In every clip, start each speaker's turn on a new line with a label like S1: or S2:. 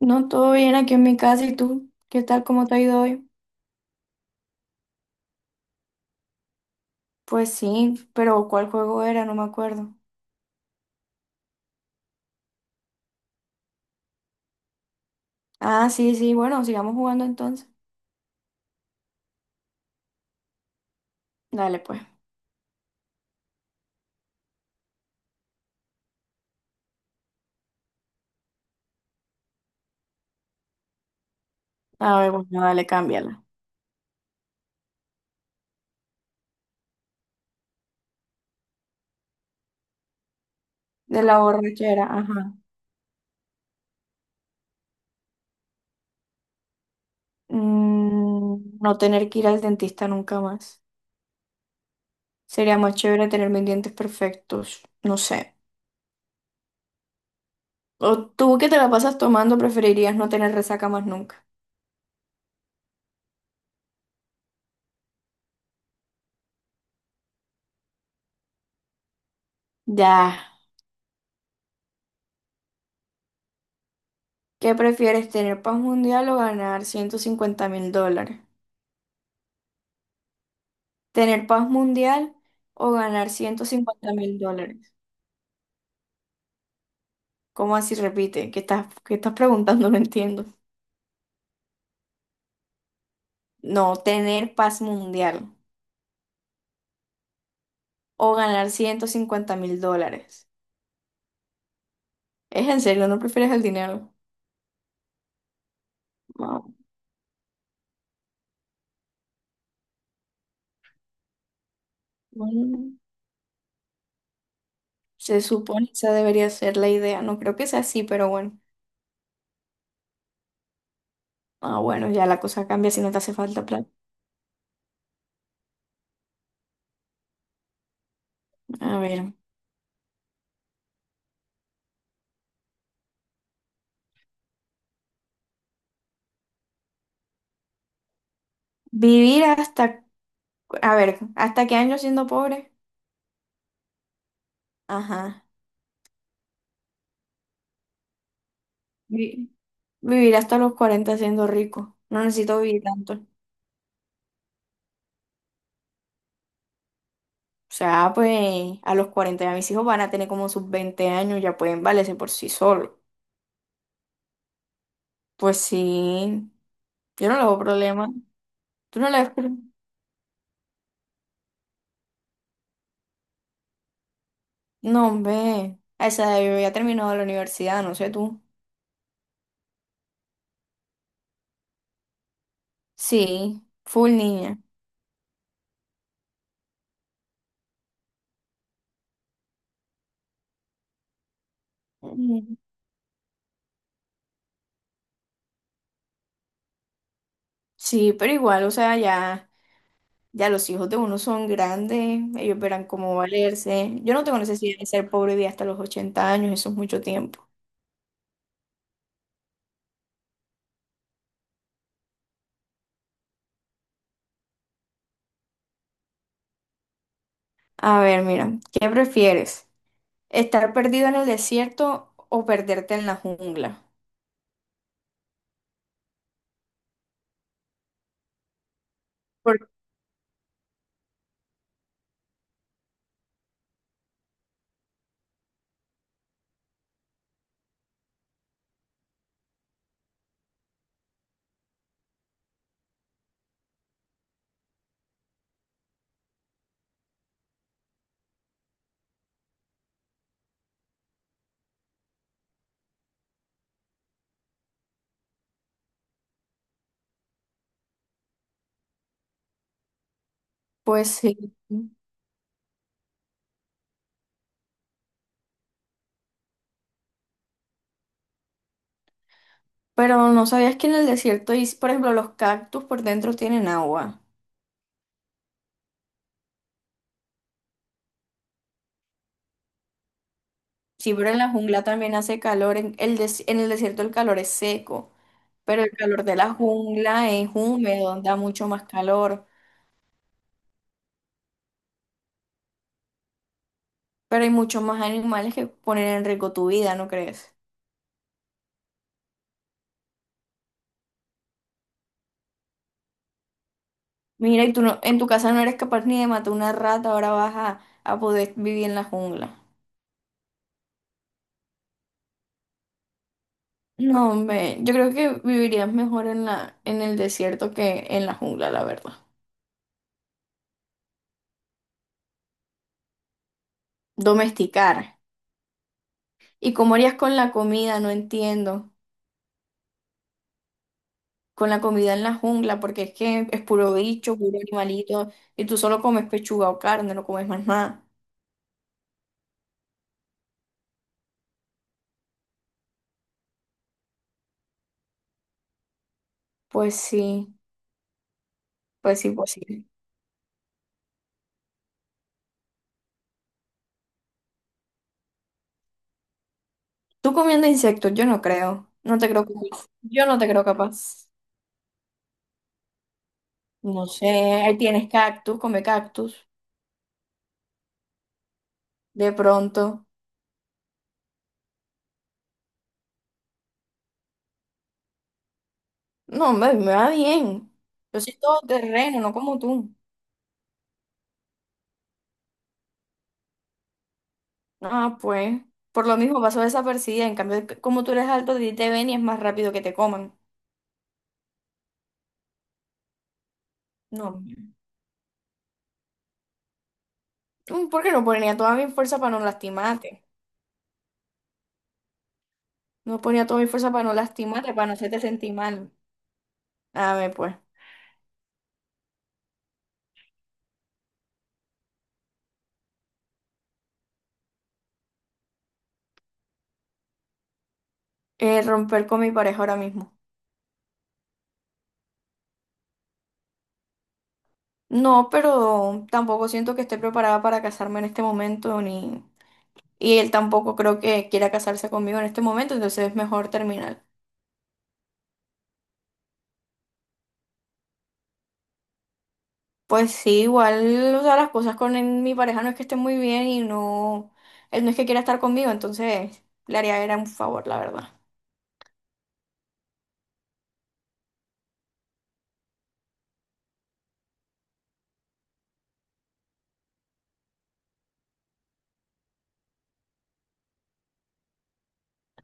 S1: No, todo bien aquí en mi casa. ¿Y tú? ¿Qué tal? ¿Cómo te ha ido hoy? Pues sí, pero ¿cuál juego era? No me acuerdo. Ah, sí, sí. Bueno, sigamos jugando entonces. Dale, pues. A ver, bueno, dale, cámbiala. De la borrachera, ajá. No tener que ir al dentista nunca más. Sería más chévere tener mis dientes perfectos. No sé. O tú que te la pasas tomando, preferirías no tener resaca más nunca. Ya. ¿Qué prefieres, tener paz mundial o ganar 150 mil dólares? Tener paz mundial o ganar 150.000 dólares. ¿Cómo así repite? Qué estás preguntando? No entiendo. No, tener paz mundial o ganar 150 mil dólares. ¿Es en serio? ¿No prefieres el dinero? No. Bueno, se supone que esa debería ser la idea. No creo que sea así, pero bueno. Ah, bueno, ya la cosa cambia si no te hace falta plata. A ver. Vivir hasta, a ver, ¿hasta qué año siendo pobre? Ajá. Vivir hasta los 40 siendo rico. No necesito vivir tanto. O sea, pues a los 40 ya mis hijos van a tener como sus 20 años, ya pueden valerse por sí solos. Pues sí, yo no le veo problema. ¿Tú no le ves problema? No, hombre. A esa edad yo ya he terminado la universidad, no sé tú. Sí, full niña. Mm. Sí, pero igual, o sea, ya los hijos de uno son grandes, ellos verán cómo valerse. Yo no tengo necesidad de ser pobre y vivir hasta los 80 años, eso es mucho tiempo. A ver, mira, ¿qué prefieres? ¿Estar perdido en el desierto o perderte en la jungla? Por- Pues sí. Pero no sabías que en el desierto, y, por ejemplo, los cactus por dentro tienen agua. Sí, pero en la jungla también hace calor. En el desierto el calor es seco, pero el calor de la jungla es húmedo, da mucho más calor. Pero hay muchos más animales que ponen en riesgo tu vida, ¿no crees? Mira, y tú no, en tu casa no eres capaz ni de matar una rata, ahora vas a poder vivir en la jungla. No, hombre, yo creo que vivirías mejor en la, en el desierto que en la jungla, la verdad. Domesticar. ¿Y cómo harías con la comida? No entiendo. Con la comida en la jungla, porque es que es puro bicho, puro animalito, y tú solo comes pechuga o carne, no comes más nada. Pues sí, pues sí, pues sí. Tú comiendo insectos, yo no creo. No te creo capaz. Yo no te creo capaz. No sé, ahí tienes cactus, come cactus, de pronto. No, hombre, me va bien. Yo soy todo terreno, no como tú. Ah, pues. Por lo mismo pasó desapercibida. En cambio, como tú eres alto, a ti te ven y es más rápido que te coman. No, hombre. ¿Por qué no ponía toda mi fuerza para no lastimarte? No ponía toda mi fuerza para no lastimarte, para no hacerte sentir mal. A ver, pues. Romper con mi pareja ahora mismo. No, pero tampoco siento que esté preparada para casarme en este momento, ni... Y él tampoco creo que quiera casarse conmigo en este momento, entonces es mejor terminar. Pues sí, igual, o sea, las cosas con mi pareja no es que estén muy bien y no, él no es que quiera estar conmigo, entonces le haría era un favor, la verdad.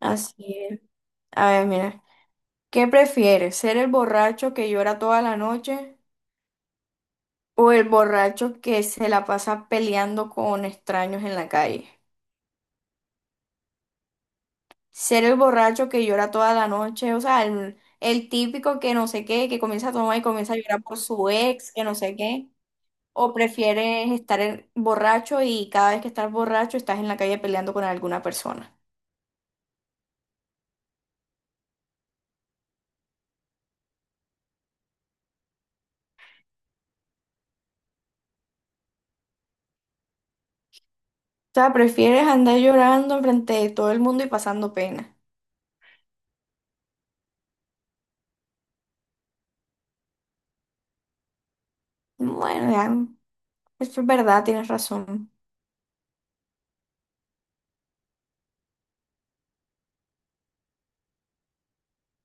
S1: Así es. A ver, mira, ¿qué prefieres? ¿Ser el borracho que llora toda la noche o el borracho que se la pasa peleando con extraños en la calle? Ser el borracho que llora toda la noche, o sea, el típico que no sé qué, que comienza a tomar y comienza a llorar por su ex, que no sé qué. ¿O prefieres estar borracho y cada vez que estás borracho estás en la calle peleando con alguna persona? O sea, prefieres andar llorando frente de todo el mundo y pasando pena. Bueno, ya, eso es verdad, tienes razón.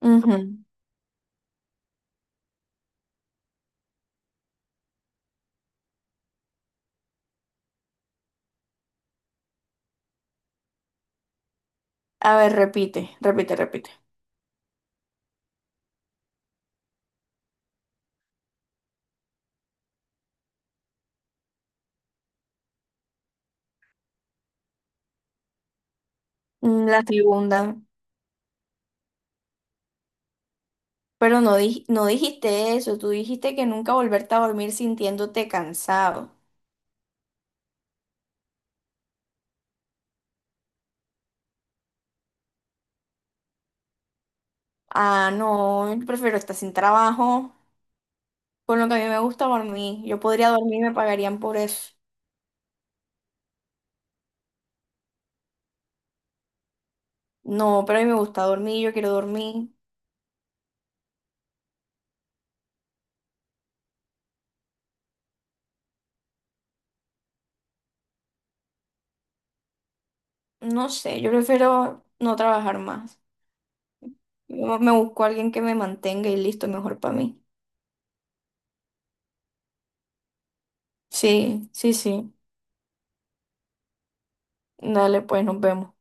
S1: Ujú. A ver, repite, repite, repite. La segunda. Pero no, no dijiste eso, tú dijiste que nunca volverte a dormir sintiéndote cansado. Ah, no, yo prefiero estar sin trabajo. Con lo que a mí me gusta dormir. Yo podría dormir y me pagarían por eso. No, pero a mí me gusta dormir, yo quiero dormir. No sé, yo prefiero no trabajar más. Yo me busco a alguien que me mantenga y listo, mejor para mí. Sí, sí, sí. Dale, pues nos vemos.